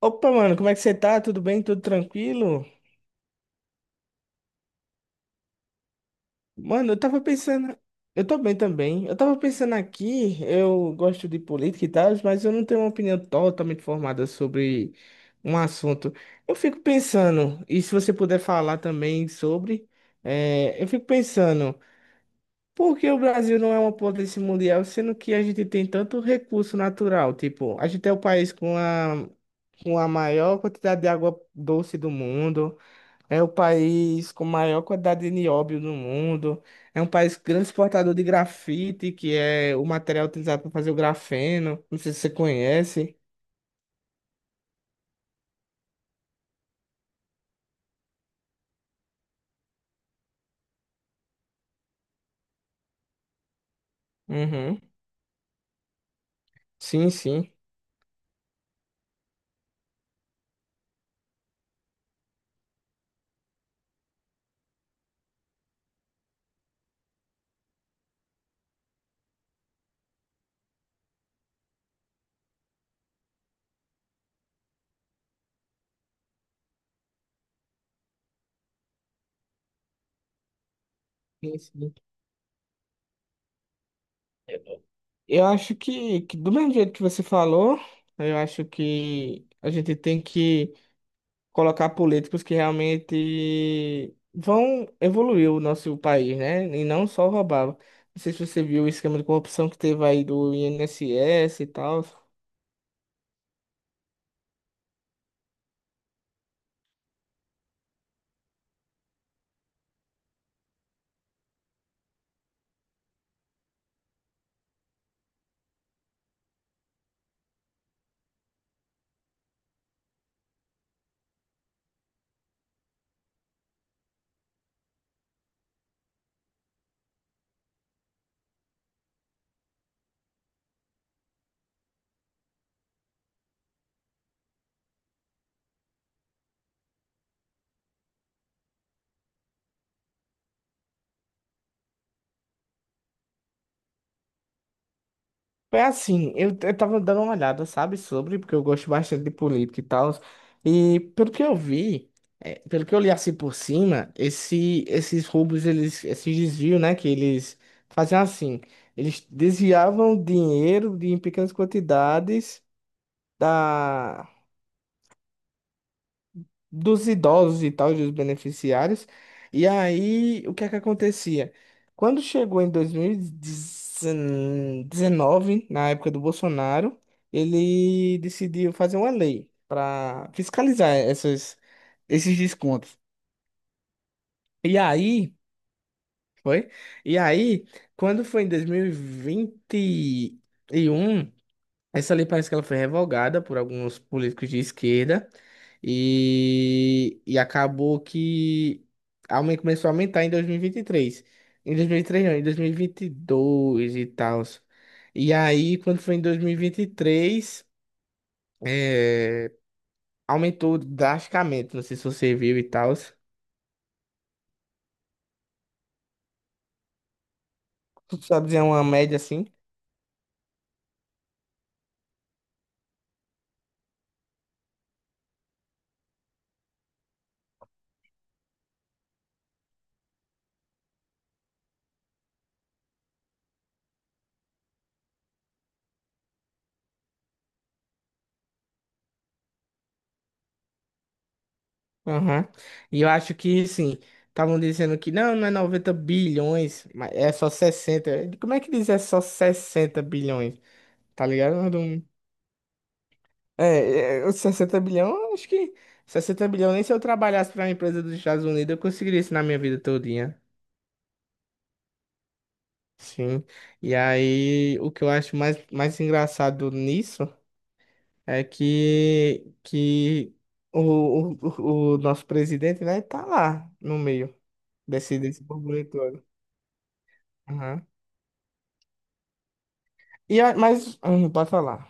Opa, mano, como é que você tá? Tudo bem? Tudo tranquilo? Mano, eu tava pensando. Eu tô bem também. Eu tava pensando aqui, eu gosto de política e tal, mas eu não tenho uma opinião totalmente formada sobre um assunto. Eu fico pensando, e se você puder falar também sobre, eu fico pensando, por que o Brasil não é uma potência mundial, sendo que a gente tem tanto recurso natural? Tipo, a gente é o país com a maior quantidade de água doce do mundo. É o país com maior quantidade de nióbio no mundo. É um país grande exportador de grafite, que é o material utilizado para fazer o grafeno. Não sei se você conhece. Uhum. Sim, sim. Sim, sim. Eu acho que do mesmo jeito que você falou, eu acho que a gente tem que colocar políticos que realmente vão evoluir o nosso país, né? E não só roubar. Não sei se você viu o esquema de corrupção que teve aí do INSS e tal. É assim, eu tava dando uma olhada, sabe, sobre, porque eu gosto bastante de política e tal. E pelo que eu vi, é, pelo que eu li assim por cima, esses roubos, eles, esses desvios, né, que eles faziam assim, eles desviavam dinheiro de, em pequenas quantidades da, dos idosos e tal, dos beneficiários. E aí, o que é que acontecia? Quando chegou em 2019, na época do Bolsonaro, ele decidiu fazer uma lei para fiscalizar esses descontos. E aí, foi? E aí, quando foi em 2021, essa lei parece que ela foi revogada por alguns políticos de esquerda e acabou que começou a aumentar em 2023. Em 2023 não, em 2022 e vinte e dois e tal. E aí, quando foi em 2023, eh, aumentou drasticamente, não sei se você viu e tal. Só dizer uma média assim. Aham. E eu acho que, sim, estavam dizendo que não, não é 90 bilhões, mas é só sessenta. Como é que diz? É só 60 bilhões? Tá ligado? Eu não- É, os 60 bilhões, eu acho que 60 bilhões, nem se eu trabalhasse pra uma empresa dos Estados Unidos, eu conseguiria isso na minha vida todinha. Sim. E aí, o que eu acho mais engraçado nisso é que o nosso presidente, né, tá lá no meio desse burburinho todo. Mas, pode falar.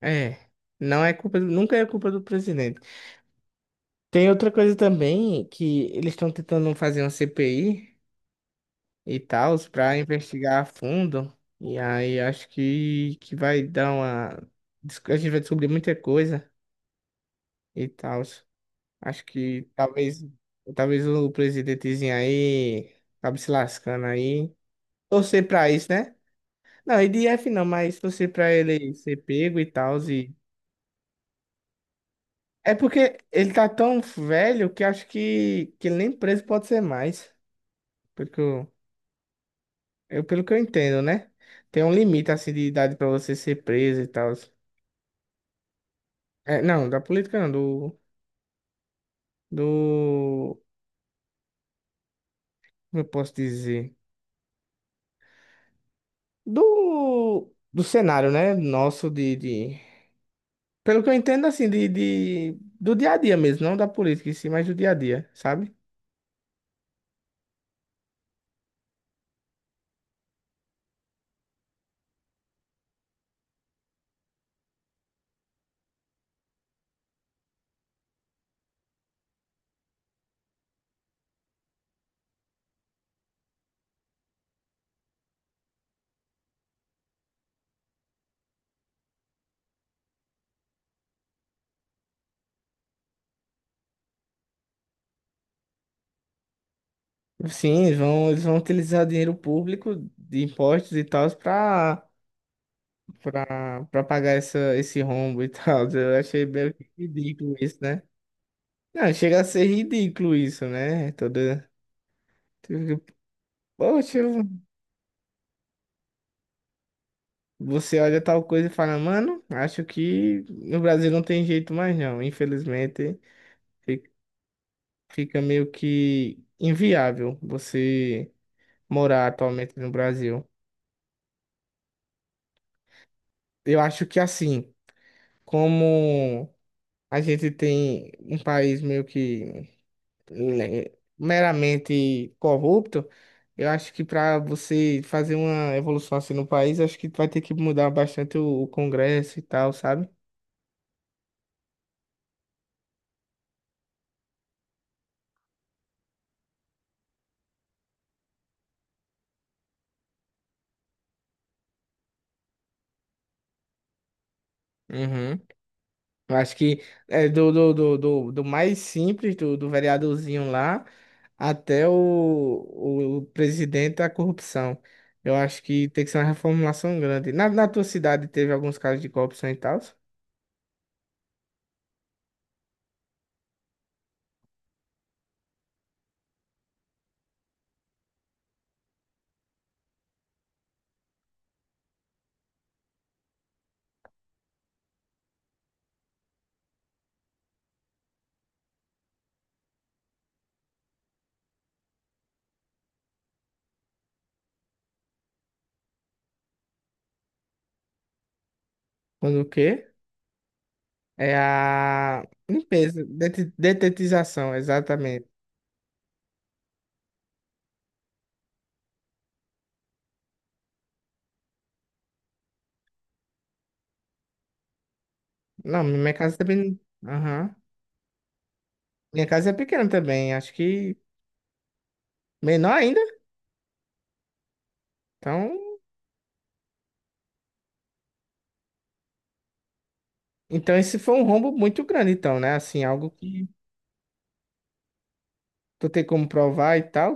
É, não é culpa, nunca é culpa do presidente. Tem outra coisa também que eles estão tentando fazer uma CPI e tal para investigar a fundo. E aí acho que vai dar uma a gente vai descobrir muita coisa e tal. Acho que talvez o presidentezinho aí acabe se lascando aí. Torcer pra isso, né? Não, IDF não, mas torcer pra ele ser pego e tal. É porque ele tá tão velho que acho que ele nem preso pode ser mais. Pelo que eu, Pelo que eu entendo, né? Tem um limite assim de idade pra você ser preso e tal. É, não, da política não, do, como eu posso dizer? Do cenário, né? Nosso, pelo que eu entendo assim, do dia a dia mesmo, não da política em si, mas do dia a dia, sabe? Sim, eles vão utilizar dinheiro público de impostos e tal pra pagar esse rombo e tal. Eu achei meio que ridículo isso, né? Não, chega a ser ridículo isso, né? Toda. Tipo, Poxa, você olha tal coisa e fala, mano, acho que no Brasil não tem jeito mais não. Infelizmente, fi- fica meio que inviável você morar atualmente no Brasil. Eu acho que assim, como a gente tem um país meio que le- meramente corrupto, eu acho que para você fazer uma evolução assim no país, acho que vai ter que mudar bastante o Congresso e tal, sabe? Uhum. Eu acho que é do mais simples, do vereadorzinho lá, até o presidente da corrupção. Eu acho que tem que ser uma reformulação grande. Na tua cidade teve alguns casos de corrupção e tal? Quando o quê? É a limpeza, detetização, exatamente. Não, minha casa também. Aham. Minha casa é pequena também, acho que menor ainda. Então, então esse foi um rombo muito grande, então, né? Assim, algo que tu tem como provar e tal.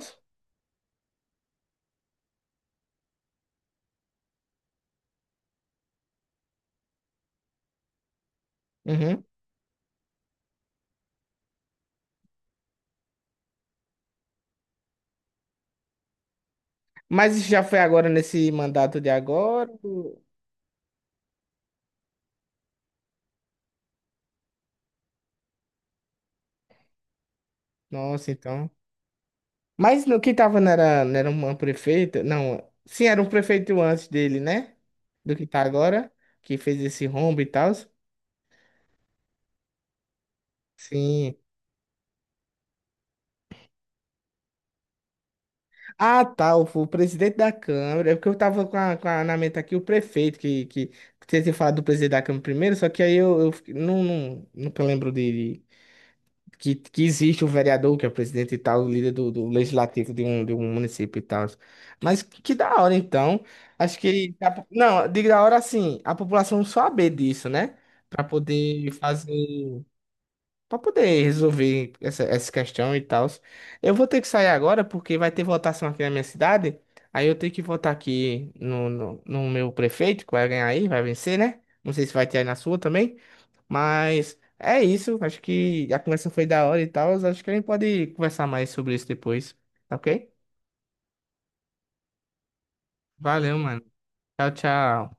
Uhum. Mas isso já foi agora nesse mandato de agora? Ou- Nossa, então. Mas no que tava não era uma prefeita? Não, sim, era um prefeito antes dele, né? Do que tá agora, que, fez esse rombo e tal. Sim. Ah, tá, o presidente da Câmara. É porque eu tava na mente aqui o prefeito, que você tinha falado do presidente da Câmara primeiro, só que aí não, não, nunca lembro que existe o vereador, que é o presidente e tal, o líder do legislativo de um município e tal. Mas que da hora, então. Acho que. A po- Não, digo da hora assim, a população saber disso, né? Pra poder fazer. Pra poder resolver essa questão e tal. Eu vou ter que sair agora porque vai ter votação aqui na minha cidade. Aí eu tenho que votar aqui no meu prefeito, que vai ganhar aí, vai vencer, né? Não sei se vai ter aí na sua também. Mas é isso. Acho que a conversa foi da hora e tal. Acho que a gente pode conversar mais sobre isso depois. Tá ok? Valeu, mano. Tchau, tchau.